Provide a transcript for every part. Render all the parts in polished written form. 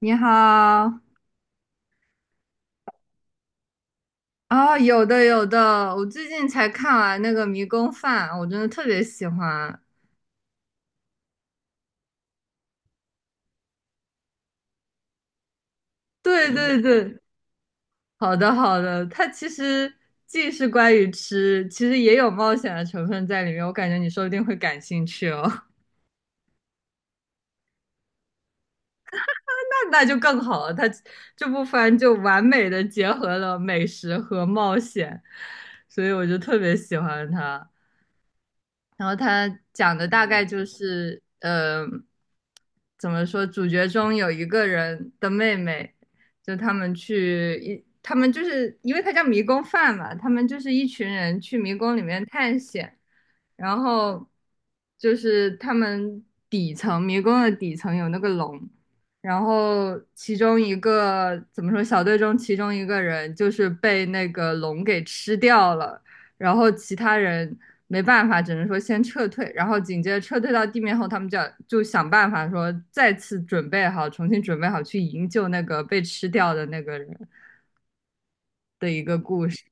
你好。有的有的，我最近才看完那个《迷宫饭》，我真的特别喜欢。对，嗯，对对。好的好的，它其实既是关于吃，其实也有冒险的成分在里面，我感觉你说不定会感兴趣哦。那就更好了，它这部番就完美的结合了美食和冒险，所以我就特别喜欢它。然后他讲的大概就是，怎么说？主角中有一个人的妹妹，就他们去一，他们就是因为他叫迷宫饭嘛，他们就是一群人去迷宫里面探险，然后就是他们底层迷宫的底层有那个龙，然后其中一个怎么说？小队中其中一个人就是被那个龙给吃掉了。然后其他人没办法，只能说先撤退，然后紧接着撤退到地面后，他们就要就想办法说再次准备好，重新准备好去营救那个被吃掉的那个人的一个故事。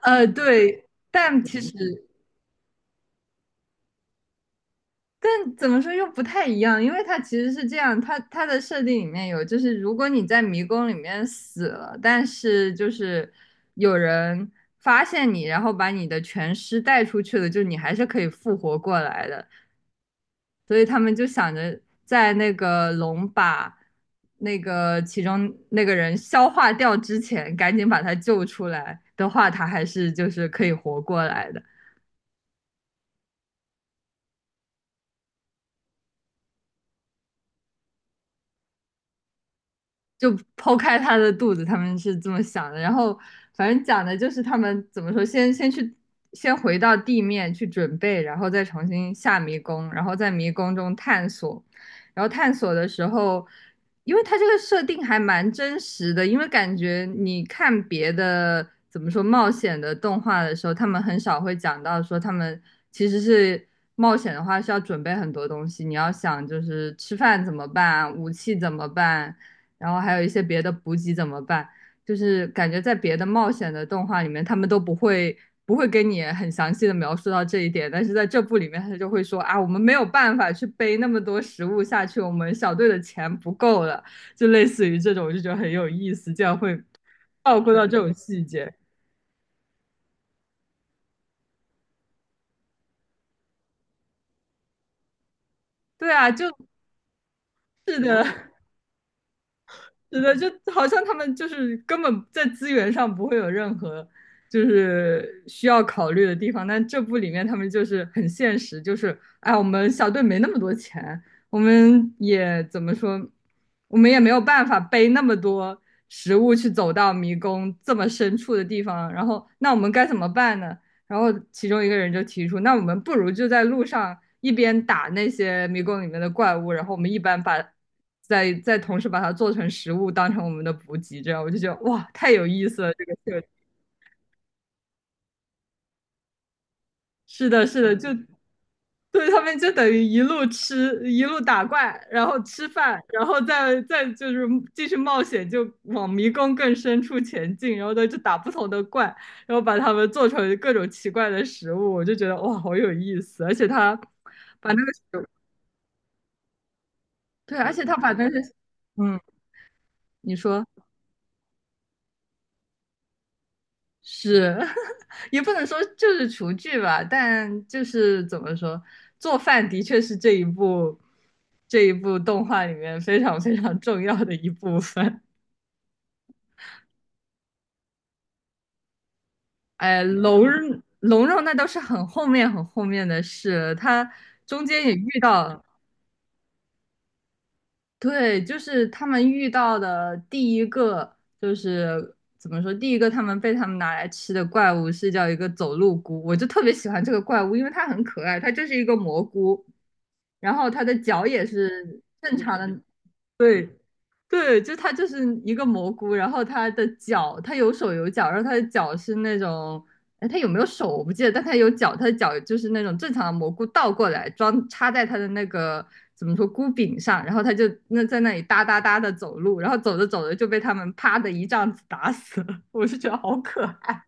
对，但其实但怎么说又不太一样，因为它其实是这样，它的设定里面有，就是如果你在迷宫里面死了，但是就是有人发现你，然后把你的全尸带出去了，就你还是可以复活过来的。所以他们就想着在那个龙把那个其中那个人消化掉之前，赶紧把他救出来的话，他还是就是可以活过来的。就剖开他的肚子，他们是这么想的。然后反正讲的就是他们怎么说，先回到地面去准备，然后再重新下迷宫，然后在迷宫中探索。然后探索的时候，因为它这个设定还蛮真实的，因为感觉你看别的怎么说冒险的动画的时候，他们很少会讲到说他们其实是冒险的话需要准备很多东西，你要想就是吃饭怎么办，武器怎么办，然后还有一些别的补给怎么办？就是感觉在别的冒险的动画里面，他们都不会跟你很详细的描述到这一点，但是在这部里面，他就会说啊，我们没有办法去背那么多食物下去，我们小队的钱不够了，就类似于这种，我就觉得很有意思，这样会 照顾到这种细节。对啊，就是的，是的，就好像他们就是根本在资源上不会有任何就是需要考虑的地方，但这部里面他们就是很现实，就是哎，我们小队没那么多钱，我们也怎么说，我们也没有办法背那么多食物去走到迷宫这么深处的地方，然后那我们该怎么办呢？然后其中一个人就提出，那我们不如就在路上一边打那些迷宫里面的怪物，然后我们一边把再同时把它做成食物，当成我们的补给，这样我就觉得哇，太有意思了这个设是的，是的，就对他们就等于一路吃，一路打怪，然后吃饭，然后再就是继续冒险，就往迷宫更深处前进，然后再就打不同的怪，然后把它们做成各种奇怪的食物，我就觉得哇，好有意思，而且他把那个食物对，而且他把那个，嗯，你说。是，也不能说就是厨具吧，但就是怎么说，做饭的确是这一部动画里面非常非常重要的一部分。哎，龙肉那都是很后面很后面的事，他中间也遇到，对，就是他们遇到的第一个就是怎么说，第一个他们被他们拿来吃的怪物是叫一个走路菇，我就特别喜欢这个怪物，因为它很可爱，它就是一个蘑菇。然后它的脚也是正常的 对对，就它就是一个蘑菇，然后它的脚，它有手有脚，然后它的脚是那种，哎，它有没有手我不记得，但它有脚，它的脚就是那种正常的蘑菇倒过来装插在它的那个怎么说菇柄上，然后它就那在那里哒哒哒的走路，然后走着走着就被他们啪的一杖子打死了，我是觉得好可爱。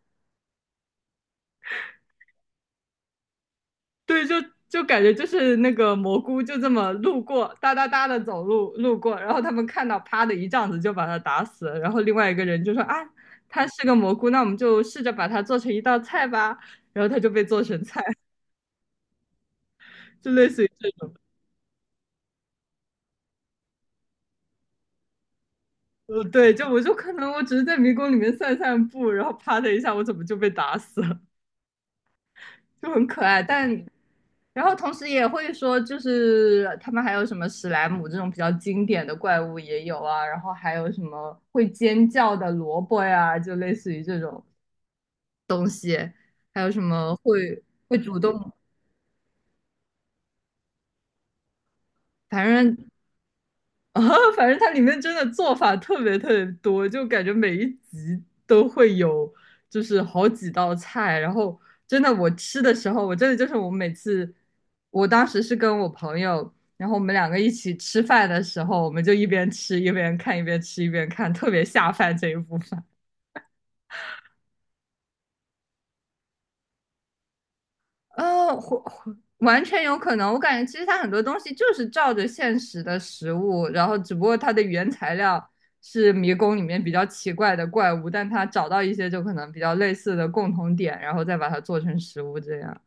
对，就感觉就是那个蘑菇就这么路过，哒哒哒的走路路过，然后他们看到，啪的一杖子就把他打死了，然后另外一个人就说啊，它是个蘑菇，那我们就试着把它做成一道菜吧，然后它就被做成菜，就类似于这种。对，就我就可能我只是在迷宫里面散散步，然后啪的一下，我怎么就被打死了？就很可爱。但然后同时也会说，就是他们还有什么史莱姆这种比较经典的怪物也有啊，然后还有什么会尖叫的萝卜呀、就类似于这种会主动，反正啊，反正它里面真的做法特别特别多，就感觉每一集都会有，就是好几道菜。然后真的，我吃的时候，我真的就是我每次，我当时是跟我朋友，然后我们两个一起吃饭的时候，我们就一边吃一边看，一边吃一边看，特别下饭这一部分。或完全有可能。我感觉其实它很多东西就是照着现实的食物，然后只不过它的原材料是迷宫里面比较奇怪的怪物，但它找到一些就可能比较类似的共同点，然后再把它做成食物这样。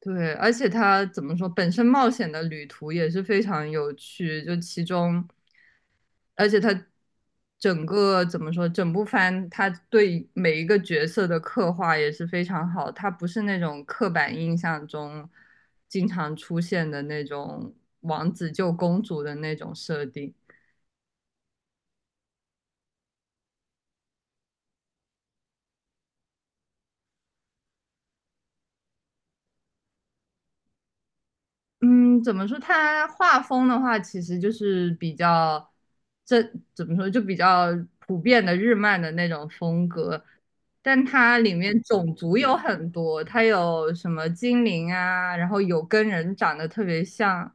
对，而且它怎么说，本身冒险的旅途也是非常有趣，就其中而且他整个怎么说，整部番他对每一个角色的刻画也是非常好，他不是那种刻板印象中经常出现的那种王子救公主的那种设定。嗯，怎么说？它画风的话，其实就是比较，这怎么说？就比较普遍的日漫的那种风格，但它里面种族有很多，它有什么精灵啊，然后有跟人长得特别像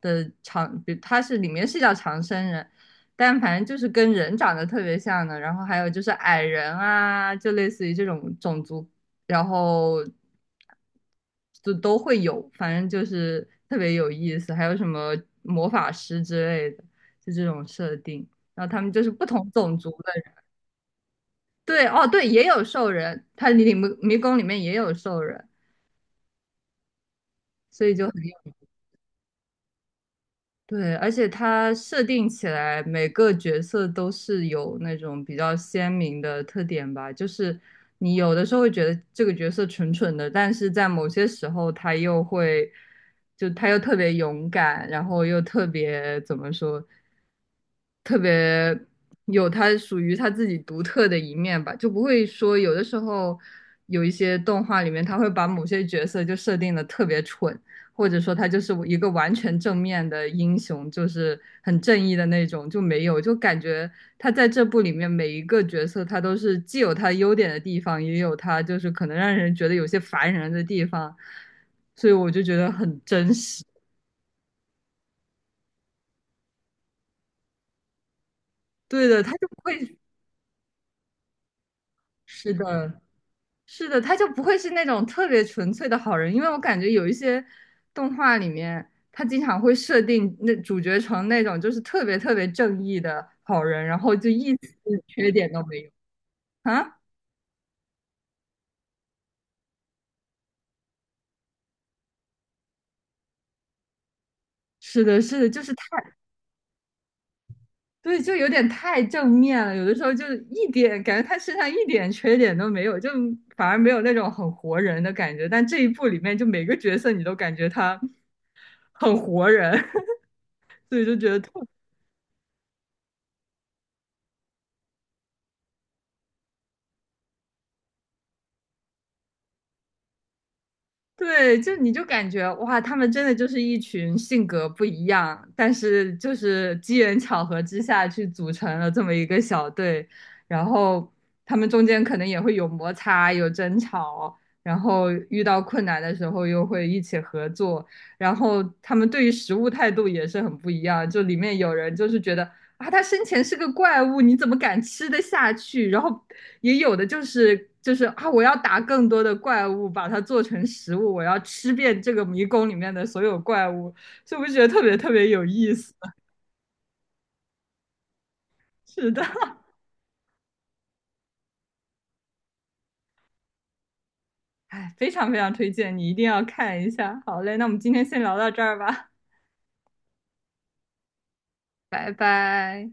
的长，比它是里面是叫长生人，但反正就是跟人长得特别像的，然后还有就是矮人啊，就类似于这种种族，然后就都会有，反正就是特别有意思。还有什么魔法师之类的，就这种设定。然后他们就是不同种族的人，对，哦，对，也有兽人，他里迷宫里面也有兽人，所以就很有对，而且他设定起来每个角色都是有那种比较鲜明的特点吧，就是你有的时候会觉得这个角色蠢蠢的，但是在某些时候他又会，就他又特别勇敢，然后又特别怎么说，特别有他属于他自己独特的一面吧，就不会说有的时候有一些动画里面他会把某些角色就设定的特别蠢。或者说他就是一个完全正面的英雄，就是很正义的那种，就没有，就感觉他在这部里面每一个角色，他都是既有他优点的地方，也有他就是可能让人觉得有些烦人的地方，所以我就觉得很真实。对的，他就不会，是的，是的，他就不会是那种特别纯粹的好人，因为我感觉有一些动画里面，他经常会设定那主角成那种就是特别特别正义的好人，然后就一丝缺点都没有啊。是的，是的，就是太，对，就有点太正面了，有的时候就是一点感觉他身上一点缺点都没有，就反而没有那种很活人的感觉。但这一部里面，就每个角色你都感觉他很活人，所以就觉得特。对，就你就感觉哇，他们真的就是一群性格不一样，但是就是机缘巧合之下去组成了这么一个小队，然后他们中间可能也会有摩擦、有争吵，然后遇到困难的时候又会一起合作，然后他们对于食物态度也是很不一样，就里面有人就是觉得啊，他生前是个怪物，你怎么敢吃得下去？然后也有的就是就是啊，我要打更多的怪物，把它做成食物，我要吃遍这个迷宫里面的所有怪物，所不我觉得特别特别有意思。是的，哎，非常非常推荐，你一定要看一下。好嘞，那我们今天先聊到这儿吧，拜拜。